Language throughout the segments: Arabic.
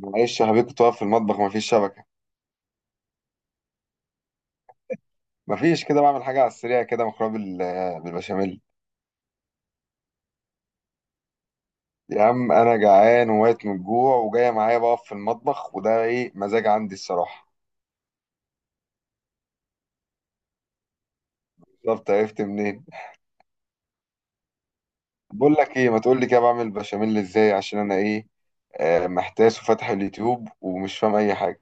معلش يا حبيبي، كنت واقف في المطبخ مفيش شبكة. مفيش، كده بعمل حاجة على السريع كده، مكرونة بالبشاميل. يا عم أنا جعان وميت من الجوع، وجاية معايا بقف في المطبخ، وده إيه مزاج عندي الصراحة. بالظبط، عرفت منين؟ بقول لك إيه، ما تقول لي كده بعمل بشاميل إزاي، عشان أنا إيه، محتاس وفاتح اليوتيوب ومش فاهم أي حاجة.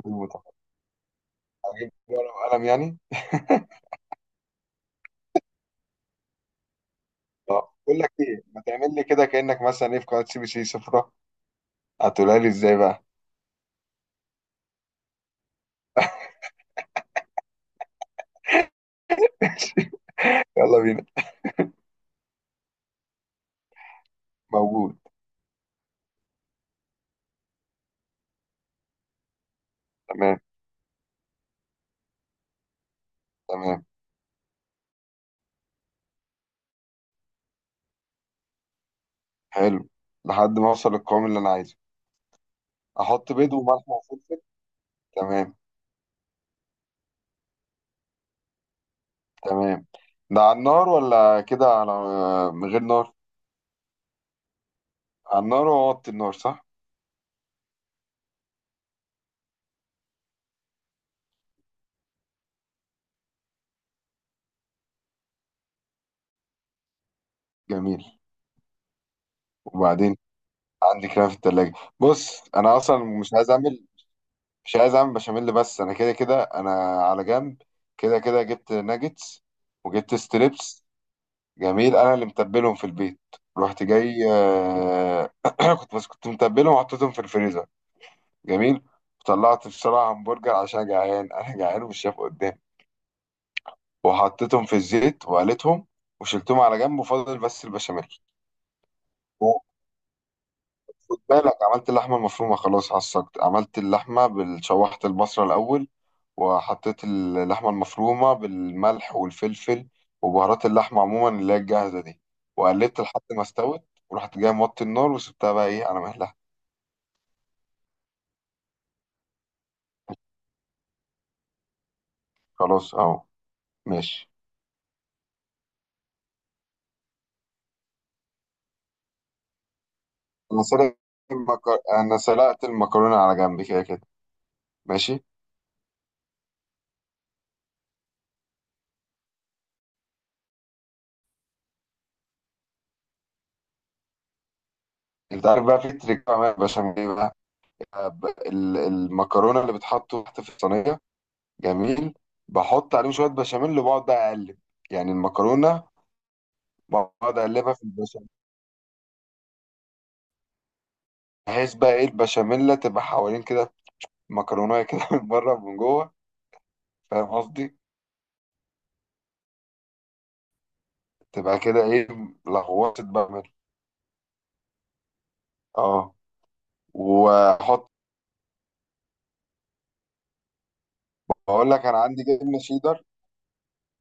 أجيب ورقة وقلم يعني؟ بقول لك إيه، ما تعمل لي كده كأنك مثلا إيه في قناة سي بي سي سفرة. هتقولها لي إزاي بقى؟ يلا بينا. موجود. تمام. تمام. حلو. لحد ما اوصل للقوام اللي انا عايزه. احط بيض وملح وفلفل. تمام. تمام. ده على النار ولا كده على؟ من غير نار. على النار واوطي النار، صح؟ جميل. وبعدين عندي كلام في التلاجة. بص انا اصلا مش عايز اعمل، مش عايز اعمل بشاميل، بس انا كده كده انا على جنب. كده كده جبت ناجتس وجبت ستريبس. جميل، انا اللي متبلهم في البيت. رحت جاي كنت متبلهم وحطيتهم في الفريزر. جميل. طلعت في شارع همبرجر عشان جعان، انا جعان ومش شايف قدامي، وحطيتهم في الزيت وقليتهم وشلتهم على جنب وفضل بس البشاميل. وخد بالك عملت اللحمه المفرومه، خلاص عصقت، عملت اللحمه شوحت البصله الاول وحطيت اللحمه المفرومه بالملح والفلفل وبهارات اللحمه عموما اللي هي الجاهزه دي، وقلبت لحد ما استوت. ورحت جاي موطي النار وسبتها بقى ايه على مهلها. خلاص اهو. ماشي. انا سلقت انا سلقت المكرونه على جنب كده كده. ماشي. انت عارف بقى في تريك بعملها بشاميل ايه بقى، المكرونه اللي بتحط تحت في الصينيه. جميل. بحط عليهم شويه بشاميل وبقعد بقى اقلب، يعني المكرونه، بقعد اقلبها في البشاميل، بحيث بقى ايه البشاميل تبقى حوالين كده مكرونه كده من بره ومن جوه. فاهم قصدي؟ تبقى كده ايه، لغوصه بشاميل. اه، واحط. بقول لك انا عندي جبنه شيدر.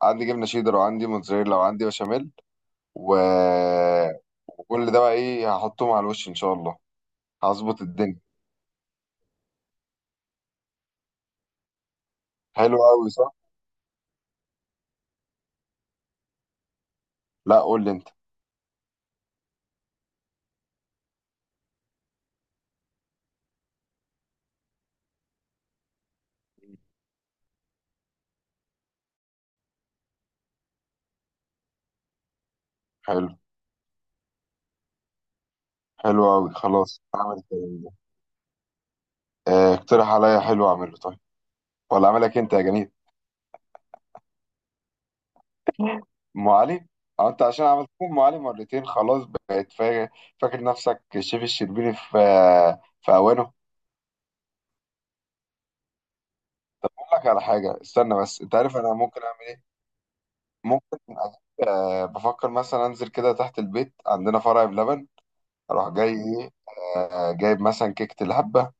عندي جبنه شيدر وعندي موتزاريلا وعندي بشاميل و... وكل ده بقى ايه، هحطهم على الوش ان شاء الله. هظبط الدنيا. حلو قوي، صح؟ لا، قول لي انت. حلو. حلو قوي، خلاص اعمل كده. اقترح عليا حلو اعمله طيب. ولا اعملك انت يا جميل؟ ام علي. اه انت عشان عملت لي ام علي مرتين خلاص بقيت فاكر نفسك الشيف الشربيني في اوانه. اقول لك على حاجه، استنى بس، انت عارف انا ممكن اعمل ايه؟ ممكن بفكر مثلا انزل كده تحت البيت، عندنا فرع بلبن، اروح جاي ايه، جايب مثلا كيكه الهبه،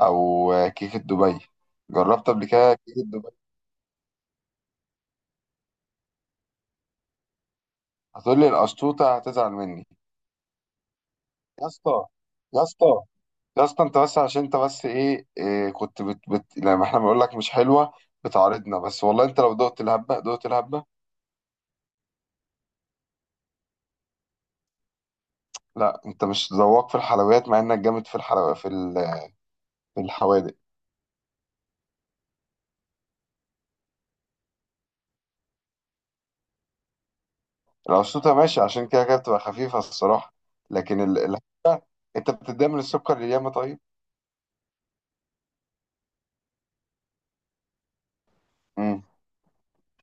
او كيكه دبي. جربت قبل كده كيكه دبي؟ هتقول لي القشطوطه هتزعل مني. يا اسطى، يا اسطى، يا اسطى، انت بس عشان انت بس ايه, إيه كنت بت لما احنا بنقول لك مش حلوه بتعارضنا بس، والله انت لو دقت الهبه دقت الهبه. لا انت مش ذواق في الحلويات، مع انك جامد في الحلويات في الحوادق. القشطوطه ماشي عشان كده كده بتبقى خفيفه الصراحه، لكن انت بتتضايق من السكر اللي ياما طيب. امم.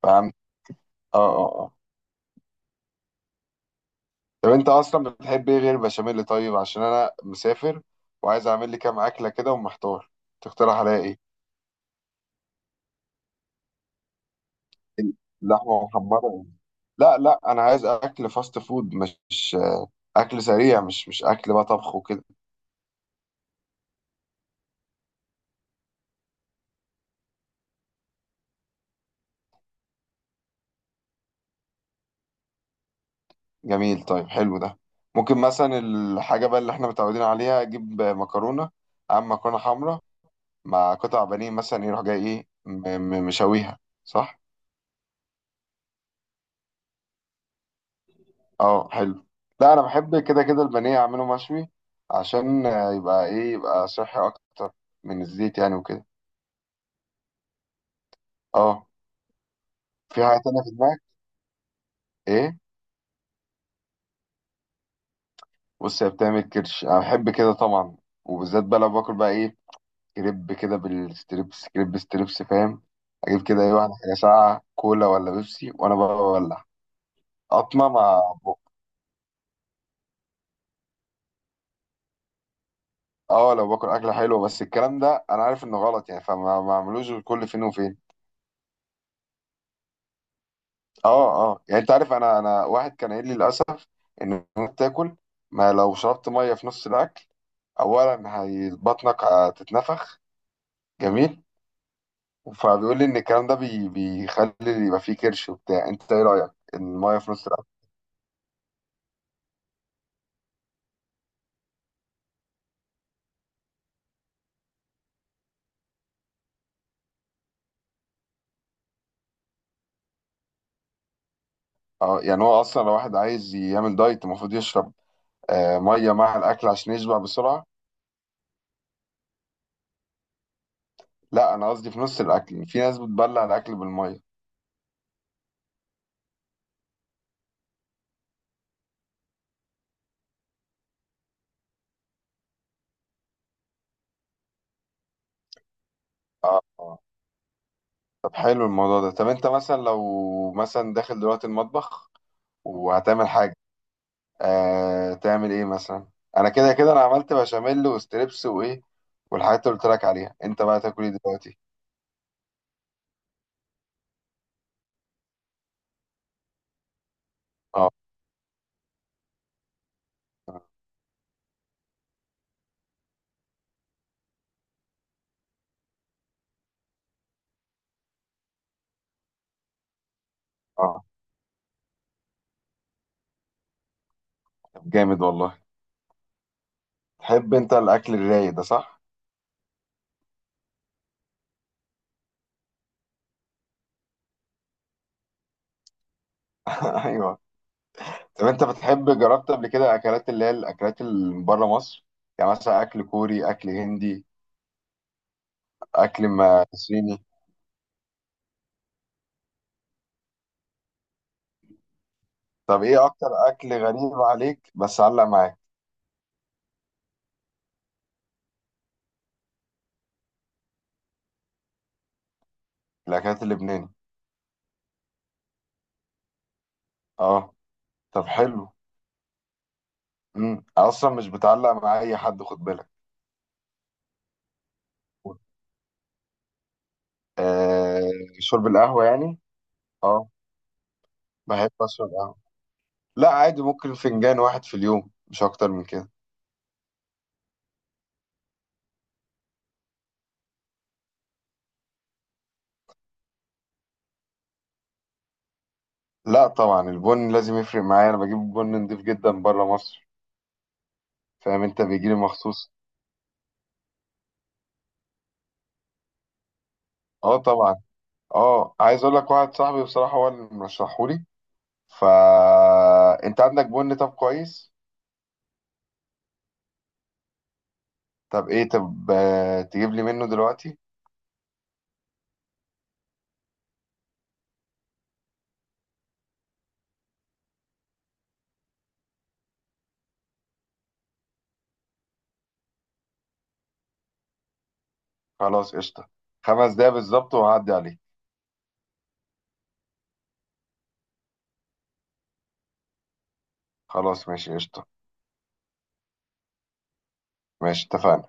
فهمت. اه. اه. طب انت اصلا بتحب ايه غير البشاميل؟ طيب عشان انا مسافر وعايز اعمل لي كام اكله كده ومحتار، تقترح عليا ايه؟ لحمه محمره؟ لا لا، انا عايز اكل فاست فود، مش اكل سريع، مش اكل بقى طبخ وكده. جميل، طيب حلو ده. ممكن مثلا الحاجه بقى اللي احنا متعودين عليها، اجيب مكرونه، اعمل مكرونه حمراء مع قطع بانيه مثلا، يروح جاي ايه مشويها. صح. اه حلو. لا انا بحب كده كده البانيه اعمله مشوي عشان يبقى ايه، يبقى صحي اكتر من الزيت يعني وكده. اه. في حاجه تانية في دماغك؟ ايه؟ بص هي بتعمل كرش، انا بحب كده طبعا، وبالذات بقى لو باكل بقى ايه كريب كده بالستريبس، كريب ستريبس فاهم، اجيب كده ايه واحده حاجه ساقعه كولا ولا بيبسي، وانا بقى بولع قطمه مع بق. اه، لو باكل اكله حلوه، بس الكلام ده انا عارف انه غلط يعني، فما ما اعملوش غير كل فين وفين. اه. اه يعني انت عارف، انا واحد كان قايل لي للاسف ان انت تاكل ما، لو شربت ميه في نص الاكل، اولا هي بطنك هتتنفخ، جميل، فبيقول لي ان الكلام ده بيخلي يبقى فيه كرش وبتاع. انت ايه رايك إن الميه في نص الاكل؟ اه يعني هو اصلا لو واحد عايز يعمل دايت المفروض يشرب ميه مع الاكل عشان يشبع بسرعه. لا انا قصدي في نص الاكل، في ناس بتبلع الاكل بالميه. اه. طب حلو الموضوع ده. طب انت مثلا لو مثلا داخل دلوقتي المطبخ وهتعمل حاجه، تعمل ايه مثلا؟ انا كده كده انا عملت بشاميل وستريبس وايه والحاجات اللي قلت لك عليها، انت بقى تاكل ايه دلوقتي؟ اه. اه طب جامد والله. تحب انت الاكل الرايق ده، صح؟ ايوه. طب انت بتحب، جربت قبل كده اكلات اللي هي الاكلات اللي من بره مصر؟ يعني مثلا اكل كوري، اكل هندي، اكل صيني. طب ايه اكتر اكل غريب عليك بس علق معاك؟ الاكلات اللبناني. اه. طب حلو. امم. اصلا مش بتعلق مع اي حد خد بالك. آه شرب القهوة يعني؟ اه. بحب اشرب قهوة. لا عادي، ممكن فنجان واحد في اليوم مش اكتر من كده. لا طبعا، البن لازم يفرق معايا، انا بجيب بن نضيف جدا بره مصر، فاهم، انت بيجي لي مخصوص. اه طبعا. اه عايز اقول لك، واحد صاحبي بصراحة هو اللي مرشحهولي، فا انت عندك بن طب كويس؟ طب ايه، طب تجيب لي منه دلوقتي. خلاص قشطة. 5 دقايق بالظبط وهعدي عليه. خلاص ماشي قشطة. ماشي اتفقنا.